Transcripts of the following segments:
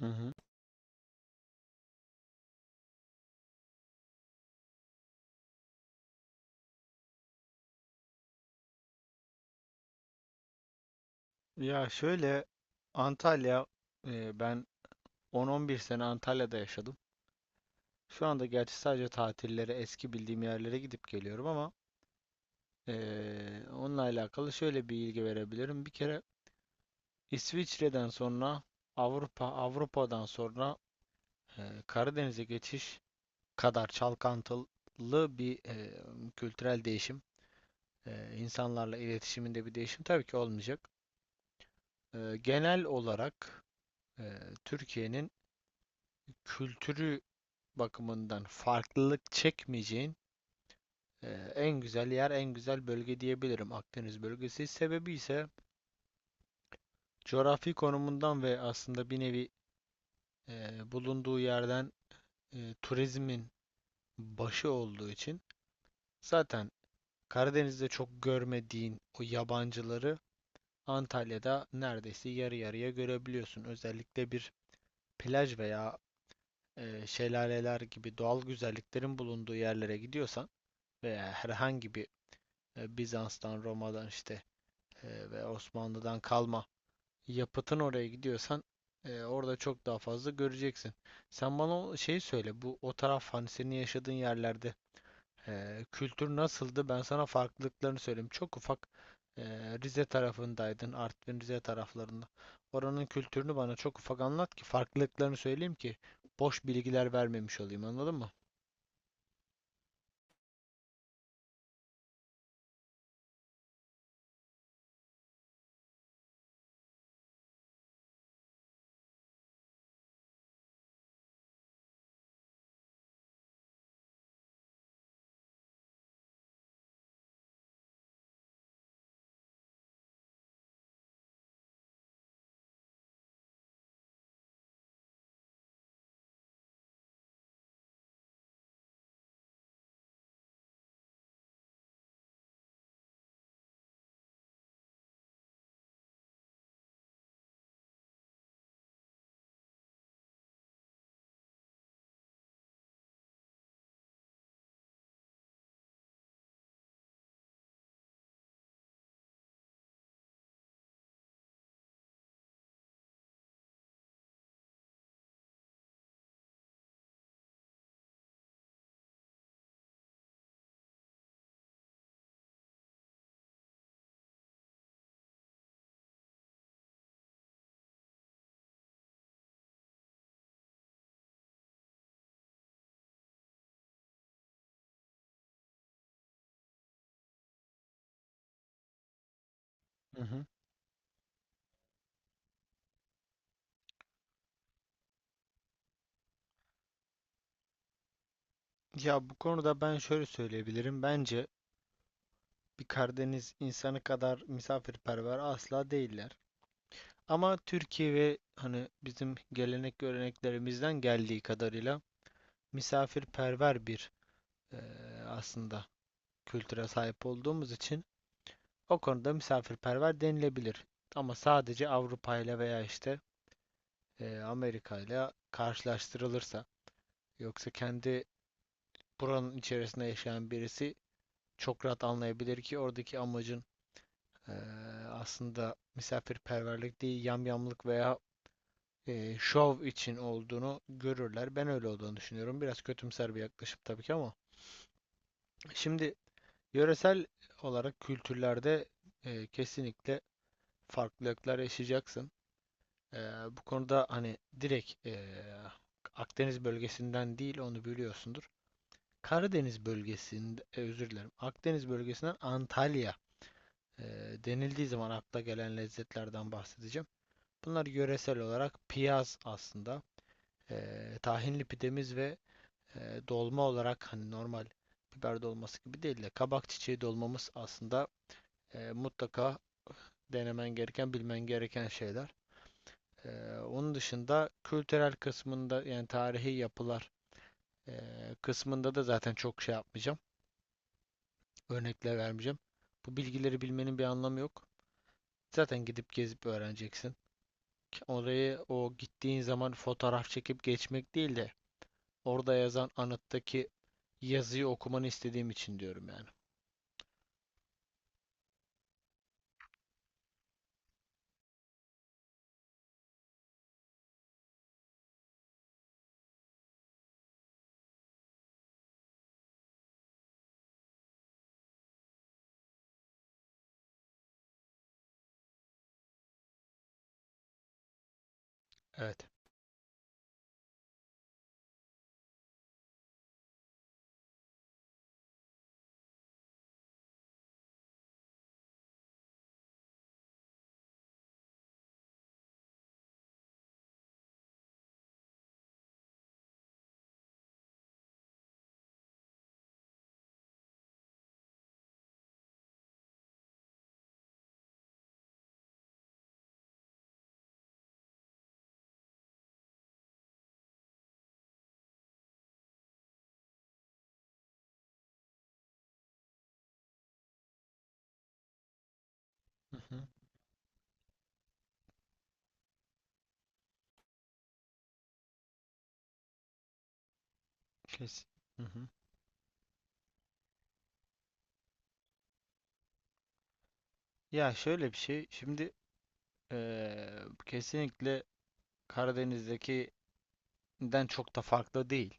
Hı hı. Ya şöyle, Antalya ben 10-11 sene Antalya'da yaşadım. Şu anda gerçi sadece tatillere eski bildiğim yerlere gidip geliyorum ama onunla alakalı şöyle bir bilgi verebilirim. Bir kere İsviçre'den sonra Avrupa'dan sonra Karadeniz'e geçiş kadar çalkantılı bir kültürel değişim. İnsanlarla iletişiminde bir değişim tabii ki olmayacak. Genel olarak e, Türkiye'nin kültürü bakımından farklılık çekmeyeceğin e, en güzel yer, en güzel bölge diyebilirim Akdeniz bölgesi. Sebebi ise coğrafi konumundan ve aslında bir nevi e, bulunduğu yerden turizmin başı olduğu için zaten Karadeniz'de çok görmediğin o yabancıları Antalya'da neredeyse yarı yarıya görebiliyorsun. Özellikle bir plaj veya şelaleler gibi doğal güzelliklerin bulunduğu yerlere gidiyorsan veya herhangi bir Bizans'tan, Roma'dan, işte ve Osmanlı'dan kalma yapıtın oraya gidiyorsan orada çok daha fazla göreceksin. Sen bana şey söyle. Bu o taraf, hani senin yaşadığın yerlerde kültür nasıldı? Ben sana farklılıklarını söyleyeyim. Çok ufak, e, Rize tarafındaydın, Artvin Rize taraflarında. Oranın kültürünü bana çok ufak anlat ki farklılıklarını söyleyeyim ki boş bilgiler vermemiş olayım. Anladın mı? Hı hı. Ya bu konuda ben şöyle söyleyebilirim. Bence bir Karadeniz insanı kadar misafirperver asla değiller. Ama Türkiye ve hani bizim gelenek göreneklerimizden geldiği kadarıyla misafirperver bir eee, aslında kültüre sahip olduğumuz için o konuda misafirperver denilebilir. Ama sadece Avrupa ile veya işte Amerika ile karşılaştırılırsa, yoksa kendi buranın içerisinde yaşayan birisi çok rahat anlayabilir ki oradaki amacın Ee, aslında misafirperverlik değil, yamyamlık veya şov için olduğunu görürler. Ben öyle olduğunu düşünüyorum. Biraz kötümser bir yaklaşım tabii ki, ama. Şimdi yöresel olarak kültürlerde kesinlikle farklılıklar yaşayacaksın. Ee, Bu konuda hani direkt, Akdeniz bölgesinden değil, onu biliyorsundur. Karadeniz bölgesinde, özür dilerim. Akdeniz bölgesinden Antalya e, denildiği zaman akla gelen lezzetlerden bahsedeceğim. Bunlar yöresel olarak piyaz aslında. Tahinli pidemiz ve dolma olarak hani normal biber dolması gibi değil de kabak çiçeği dolmamız aslında mutlaka denemen gereken, bilmen gereken şeyler. Onun dışında kültürel kısmında, yani tarihi yapılar kısmında da zaten çok şey yapmayacağım. Örnekler vermeyeceğim. Bu bilgileri bilmenin bir anlamı yok. Zaten gidip gezip öğreneceksin. Orayı, o gittiğin zaman, fotoğraf çekip geçmek değil de orada yazan anıttaki yazıyı okumanı istediğim için diyorum, yani. Evet. Hı hı, kesin. Hı hı. Ya şöyle bir şey. Şimdi kesinlikle Karadeniz'dekinden çok da farklı değil.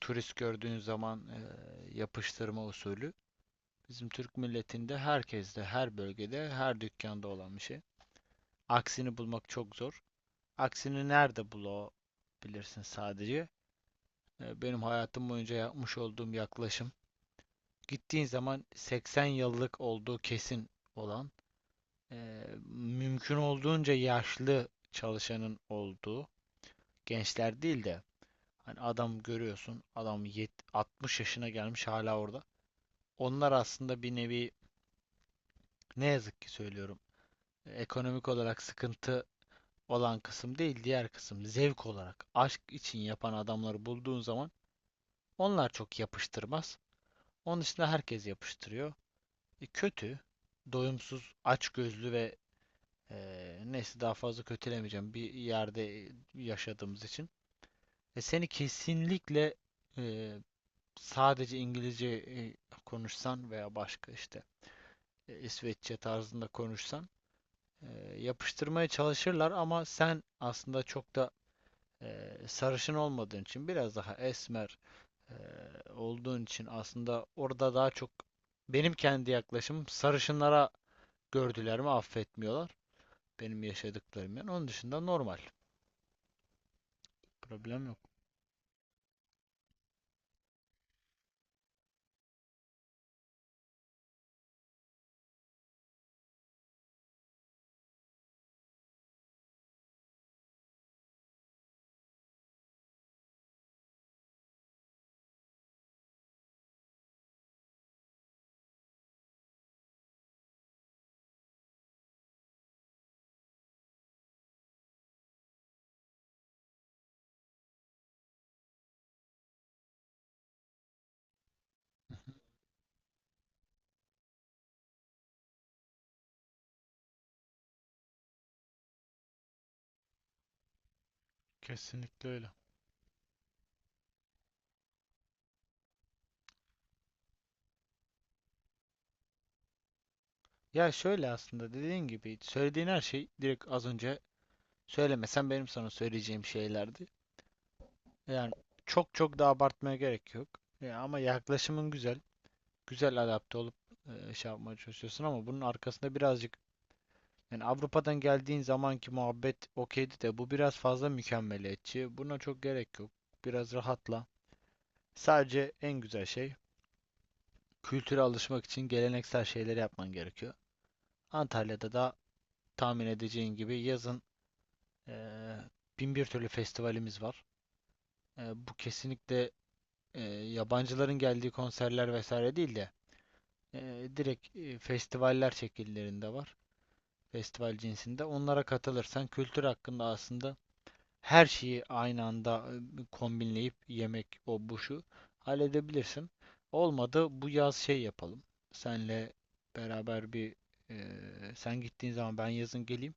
Turist gördüğün zaman yapıştırma usulü. Bizim Türk milletinde herkeste, her bölgede, her dükkanda olan bir şey. Aksini bulmak çok zor. Aksini nerede bulabilirsin sadece? Benim hayatım boyunca yapmış olduğum yaklaşım, gittiğin zaman 80 yıllık olduğu kesin olan, eee, mümkün olduğunca yaşlı çalışanın olduğu, gençler değil de hani, adam görüyorsun, adam yet 60 yaşına gelmiş hala orada. Onlar aslında bir nevi, ne yazık ki söylüyorum, ekonomik olarak sıkıntı olan kısım değil, diğer kısım, zevk olarak aşk için yapan adamları bulduğun zaman, onlar çok yapıştırmaz. Onun dışında herkes yapıştırıyor. Kötü, doyumsuz, açgözlü ve neyse, daha fazla kötülemeyeceğim bir yerde yaşadığımız için. Seni kesinlikle e, sadece İngilizce konuşsan veya başka işte İsveççe tarzında konuşsan e, yapıştırmaya çalışırlar, ama sen aslında çok da sarışın olmadığın için, biraz daha esmer e, olduğun için aslında orada daha çok, benim kendi yaklaşımım, sarışınlara gördüler mi affetmiyorlar. Benim yaşadıklarım yani. Onun dışında normal. Problem yok. Kesinlikle öyle. Ya şöyle, aslında dediğin gibi, söylediğin her şey direkt az önce söylemesen benim sana söyleyeceğim şeylerdi. Yani çok çok da abartmaya gerek yok. Ya, ama yaklaşımın güzel. Güzel adapte olup şey yapmaya çalışıyorsun ama bunun arkasında birazcık, yani Avrupa'dan geldiğin zamanki muhabbet okeydi de bu biraz fazla mükemmeliyetçi. Buna çok gerek yok. Biraz rahatla. Sadece en güzel şey, kültüre alışmak için geleneksel şeyleri yapman gerekiyor. Antalya'da da tahmin edeceğin gibi yazın eee bin bir türlü festivalimiz var. Bu kesinlikle eee, yabancıların geldiği konserler vesaire değil de direkt festivaller şekillerinde var. Festival cinsinde. Onlara katılırsan kültür hakkında aslında her şeyi aynı anda, kombinleyip, yemek o bu şu, halledebilirsin. Olmadı bu yaz şey yapalım. Senle beraber bir sen gittiğin zaman ben yazın geleyim.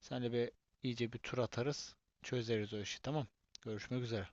Senle bir iyice bir tur atarız. Çözeriz o işi, tamam. Görüşmek üzere.